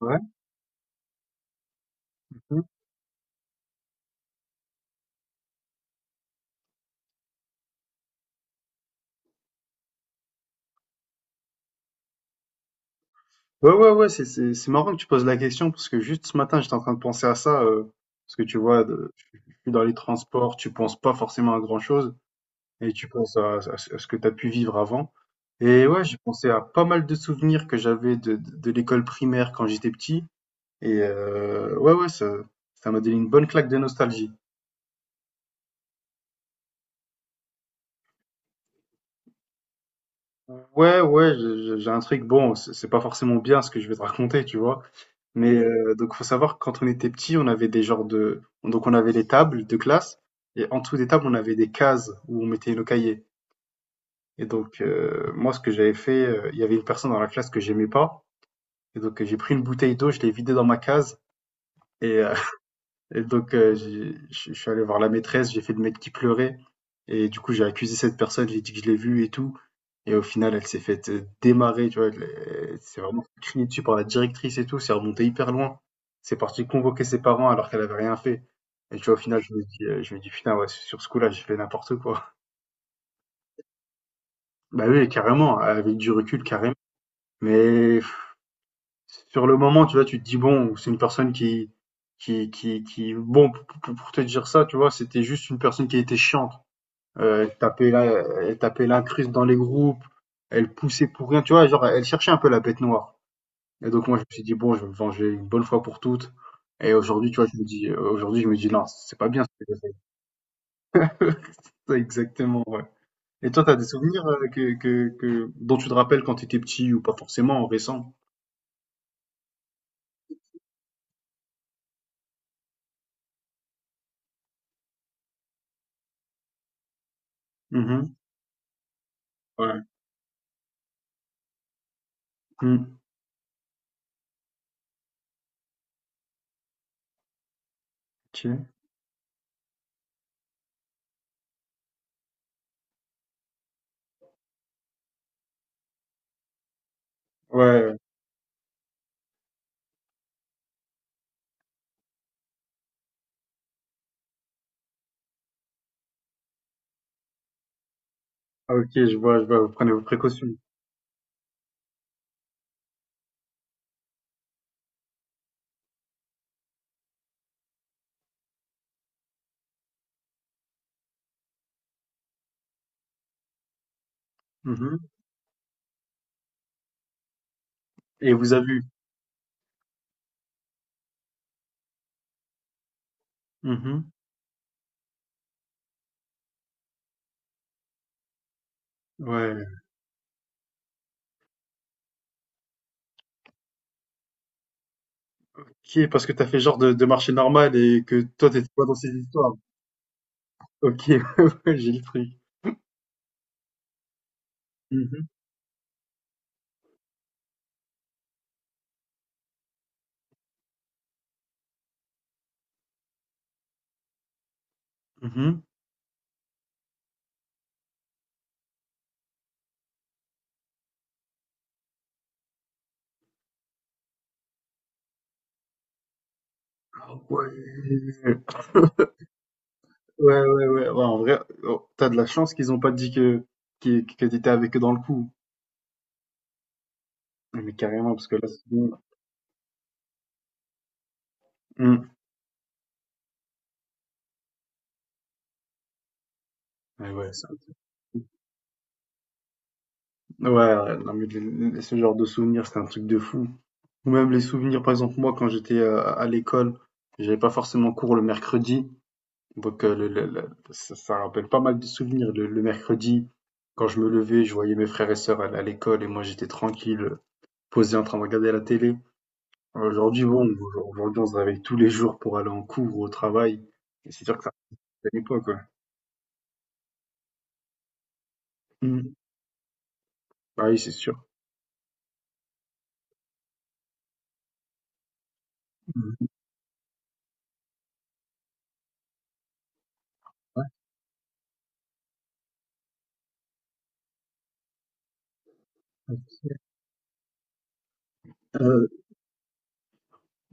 Ouais. Mmh. Ouais, ouais, ouais, c'est marrant que tu poses la question parce que juste ce matin, j'étais en train de penser à ça parce que tu vois, je suis dans les transports, tu penses pas forcément à grand-chose et tu penses à ce que tu as pu vivre avant. Et ouais, j'ai pensé à pas mal de souvenirs que j'avais de l'école primaire quand j'étais petit et ouais, ouais, ça m'a donné une bonne claque de nostalgie. Ouais, ouais, j'ai un truc. Bon, c'est pas forcément bien ce que je vais te raconter, tu vois. Mais donc, faut savoir que quand on était petit, on avait des genres de. Donc, on avait les tables de classe et en dessous des tables, on avait des cases où on mettait nos cahiers. Et donc, moi, ce que j'avais fait, il y avait une personne dans la classe que j'aimais pas. Et donc, j'ai pris une bouteille d'eau, je l'ai vidée dans ma case et euh, et donc, j'ai je suis allé voir la maîtresse, j'ai fait le mec qui pleurait et du coup, j'ai accusé cette personne, j'ai dit que je l'ai vue et tout et au final, elle s'est faite démarrer, tu vois? Elle s'est vraiment fait dessus par la directrice et tout, c'est remonté hyper loin. C'est parti convoquer ses parents alors qu'elle avait rien fait et tu vois, au final, je me dis: «Putain, ouais, sur ce coup-là, j'ai fait n'importe quoi». Bah oui, carrément, avec du recul, carrément. Mais sur le moment, tu vois, tu te dis: «Bon, c'est une personne qui» bon, p p pour te dire ça, tu vois, c'était juste une personne qui était chiante. Heu, elle tapait la elle tapait l'incruste dans les groupes, elle poussait pour rien, tu vois? Genre, elle cherchait un peu la bête noire et donc moi, je me suis dit: «Bon, je vais me venger une bonne fois pour toutes» et aujourd'hui, tu vois, aujourd'hui, je me dis: «Non, c'est pas bien ce que j'ai fait». Ouais, exactement, ouais et toi, t'as des souvenirs que dont tu te rappelles quand t'étais petit ou pas forcément, récents? Mhm. Ouais. Mmh. OK. Ouais, ouais. Ah OK, je vois, vous prenez vos précautions. Mmh, et vous avez vu? Mmh. Ouais. OK, parce que t'as fait genre de marcher normal et que toi, t'étais pas dans ces histoires. OK, ouais, ouais, j'ai le truc. Mmh mh. Mmh. Ouais. Ouais, ouais, ouais. Ouais, en vrai, tu de la chance qu'ils ont pas dit que qui que tu avec eux dans le coup. Ouais, mais carrément, parce que là, sinon mmh. Mais ouais, ouais, c'est un truc ouais, ouais, non mais le ce genre de souvenir, c'est un truc de fou. Ou même les souvenirs, par exemple, moi, quand j'étais à l'école, j'avais pas forcément cours le mercredi, donc le ça rappelle pas mal de souvenirs. Le mercredi, quand je me levais, je voyais mes frères et sœurs aller à l'école et moi, j'étais tranquille posé en train de regarder la télé. Aujourd'hui, bon, aujourd'hui, on se réveille tous les jours pour aller en cours ou au travail et c'est sûr que ça rappelle l'époque, quoi. Mmh. Bah oui, c'est sûr. Mmh. Ouais, ouais.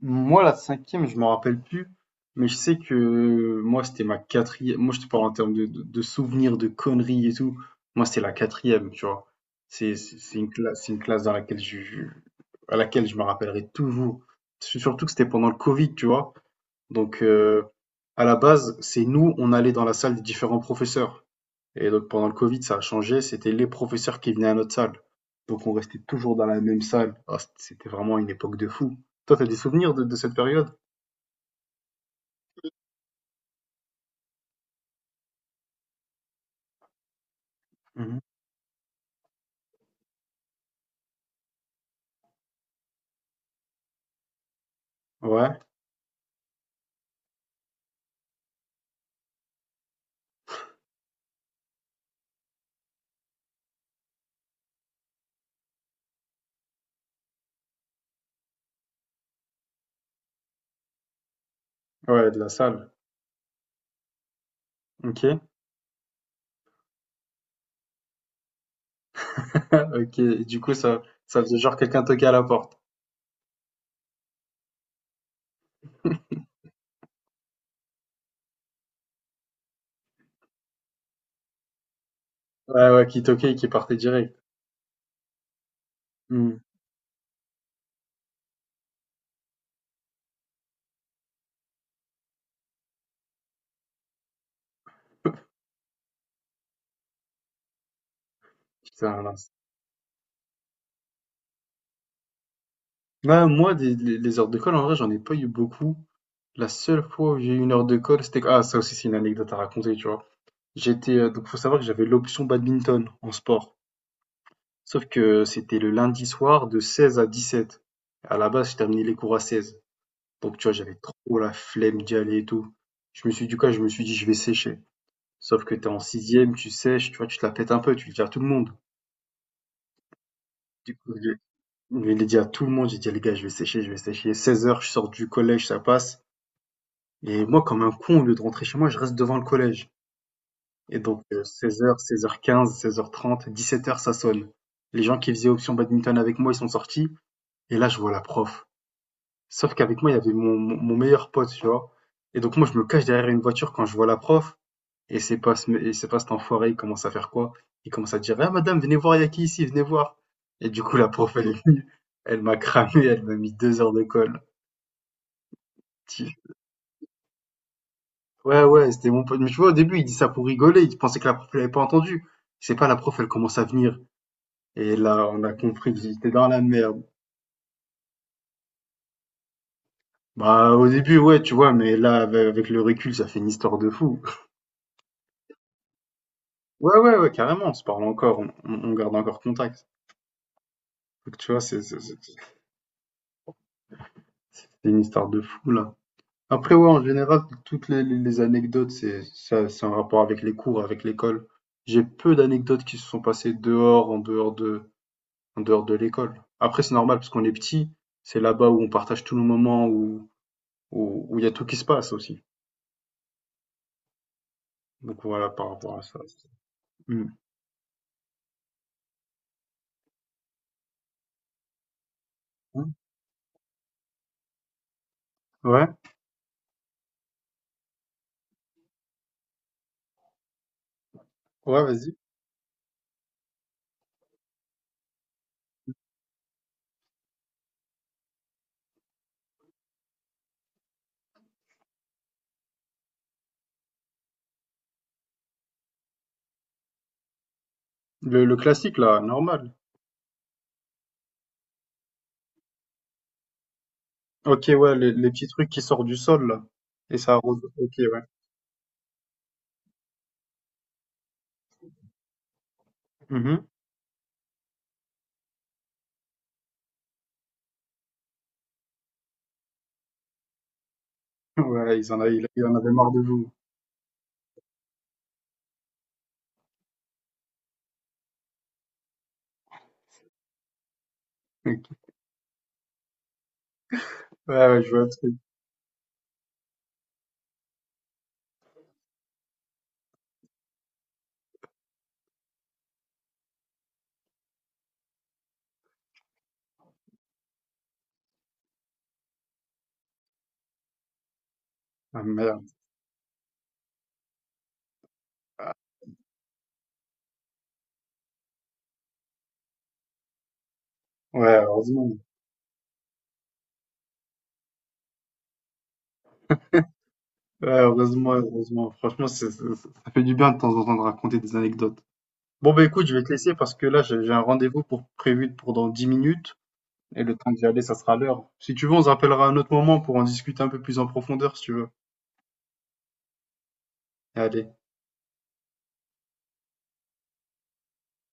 Moi, la cinquième, je m'en rappelle plus, mais je sais que moi, c'était ma quatrième. Moi, je te parle en termes de, de souvenirs, de conneries et tout. Moi, c'était la quatrième, tu vois. C'est une classe, c'est une classe dans laquelle à laquelle je me rappellerai toujours. Surtout que c'était pendant le Covid, tu vois. Donc, à la base, c'est nous, on allait dans la salle des différents professeurs. Et donc, pendant le Covid, ça a changé. C'était les professeurs qui venaient à notre salle. Donc, on restait toujours dans la même salle. Ah, c'était vraiment une époque de fou. Toi, t'as des souvenirs de, cette période? Mhm. Ouais, ouais, de la salle. Ok. Ok. Et du coup, ça faisait genre quelqu'un toquer à la porte. Ouais, ouais, qui toquait et qui partait direct. Hmm. Putain, mince. Ouais, moi, les heures d'école, en vrai, j'en ai pas eu beaucoup. La seule fois où j'ai eu une heure de colle, c'était ah ça aussi c'est une anecdote à raconter, tu vois. J'étais Donc faut savoir que j'avais l'option badminton en sport. Sauf que c'était le lundi soir de 16 à 17. À la base, j'ai terminé les cours à 16. Donc tu vois, j'avais trop la flemme d'y aller et tout. Je me suis Du coup, je me suis dit je vais sécher. Sauf que t'es en sixième, tu sèches, tu vois, tu te la pètes un peu, tu le dis à tout le monde. Du coup, je l'ai dit à tout le monde, j'ai dit les gars, je vais sécher, je vais sécher. 16 heures, je sors du collège, ça passe. Et moi, comme un con, au lieu de rentrer chez moi, je reste devant le collège. Et donc, 16 h, 16 h 15, 16 h 30, 17 h ça sonne. Les gens qui faisaient option badminton avec moi, ils sont sortis et là je vois la prof. Sauf qu'avec moi, il y avait mon meilleur pote, tu vois? Et donc moi, je me cache derrière une voiture quand je vois la prof et c'est pas ce et c'est pas cet enfoiré, il commence à faire quoi? Il commence à dire: «Ah madame, venez voir, il y a qui ici? Venez voir!» et du coup la prof elle elle m'a cramé, elle m'a mis 2 heures de colle. Ti Ouais, ouais, c'était mon pote mais tu vois, au début, il dit ça pour rigoler, il pensait que la prof, elle avait pas entendu. C'est pas la prof, elle commence à venir. Et là, on a compris que j'étais dans la merde. Bah, au début, ouais, tu vois, mais là, avec le recul, ça fait une histoire de fou. Ouais, ouais, ouais, carrément, on se parle encore, on garde encore contact. Donc, tu vois, c'est une histoire de fou, là. Après, ouais, en général, toutes les anecdotes, c'est ça, c'est en rapport avec les cours, avec l'école. J'ai peu d'anecdotes qui se sont passées dehors, en dehors de, l'école. Après, c'est normal, parce qu'on est petit, c'est là-bas où on partage tous nos moments, où il y a tout qui se passe aussi. Donc, voilà, par rapport à ça. Hmm. Mmh. Ouais, ouais, vas-y. Le classique, là, normal. Ok, ouais, les petits trucs qui sortent du sol, là. Et ça arrose. Ok, ouais. Mhm. Ouais, ils en avaient marre de vous. Ok. Ouais, ouais, je vois le truc. Ah, merde. Ouais, heureusement. Ouais, heureusement, heureusement. Franchement, ça fait du bien de temps en temps de raconter des anecdotes. Bon, bah écoute, je vais te laisser parce que là, j'ai un rendez-vous pour prévu pour dans 10 minutes. Et le temps d'y aller, ça sera l'heure. Si tu veux, on se rappellera à un autre moment pour en discuter un peu plus en profondeur, si tu veux. Allez.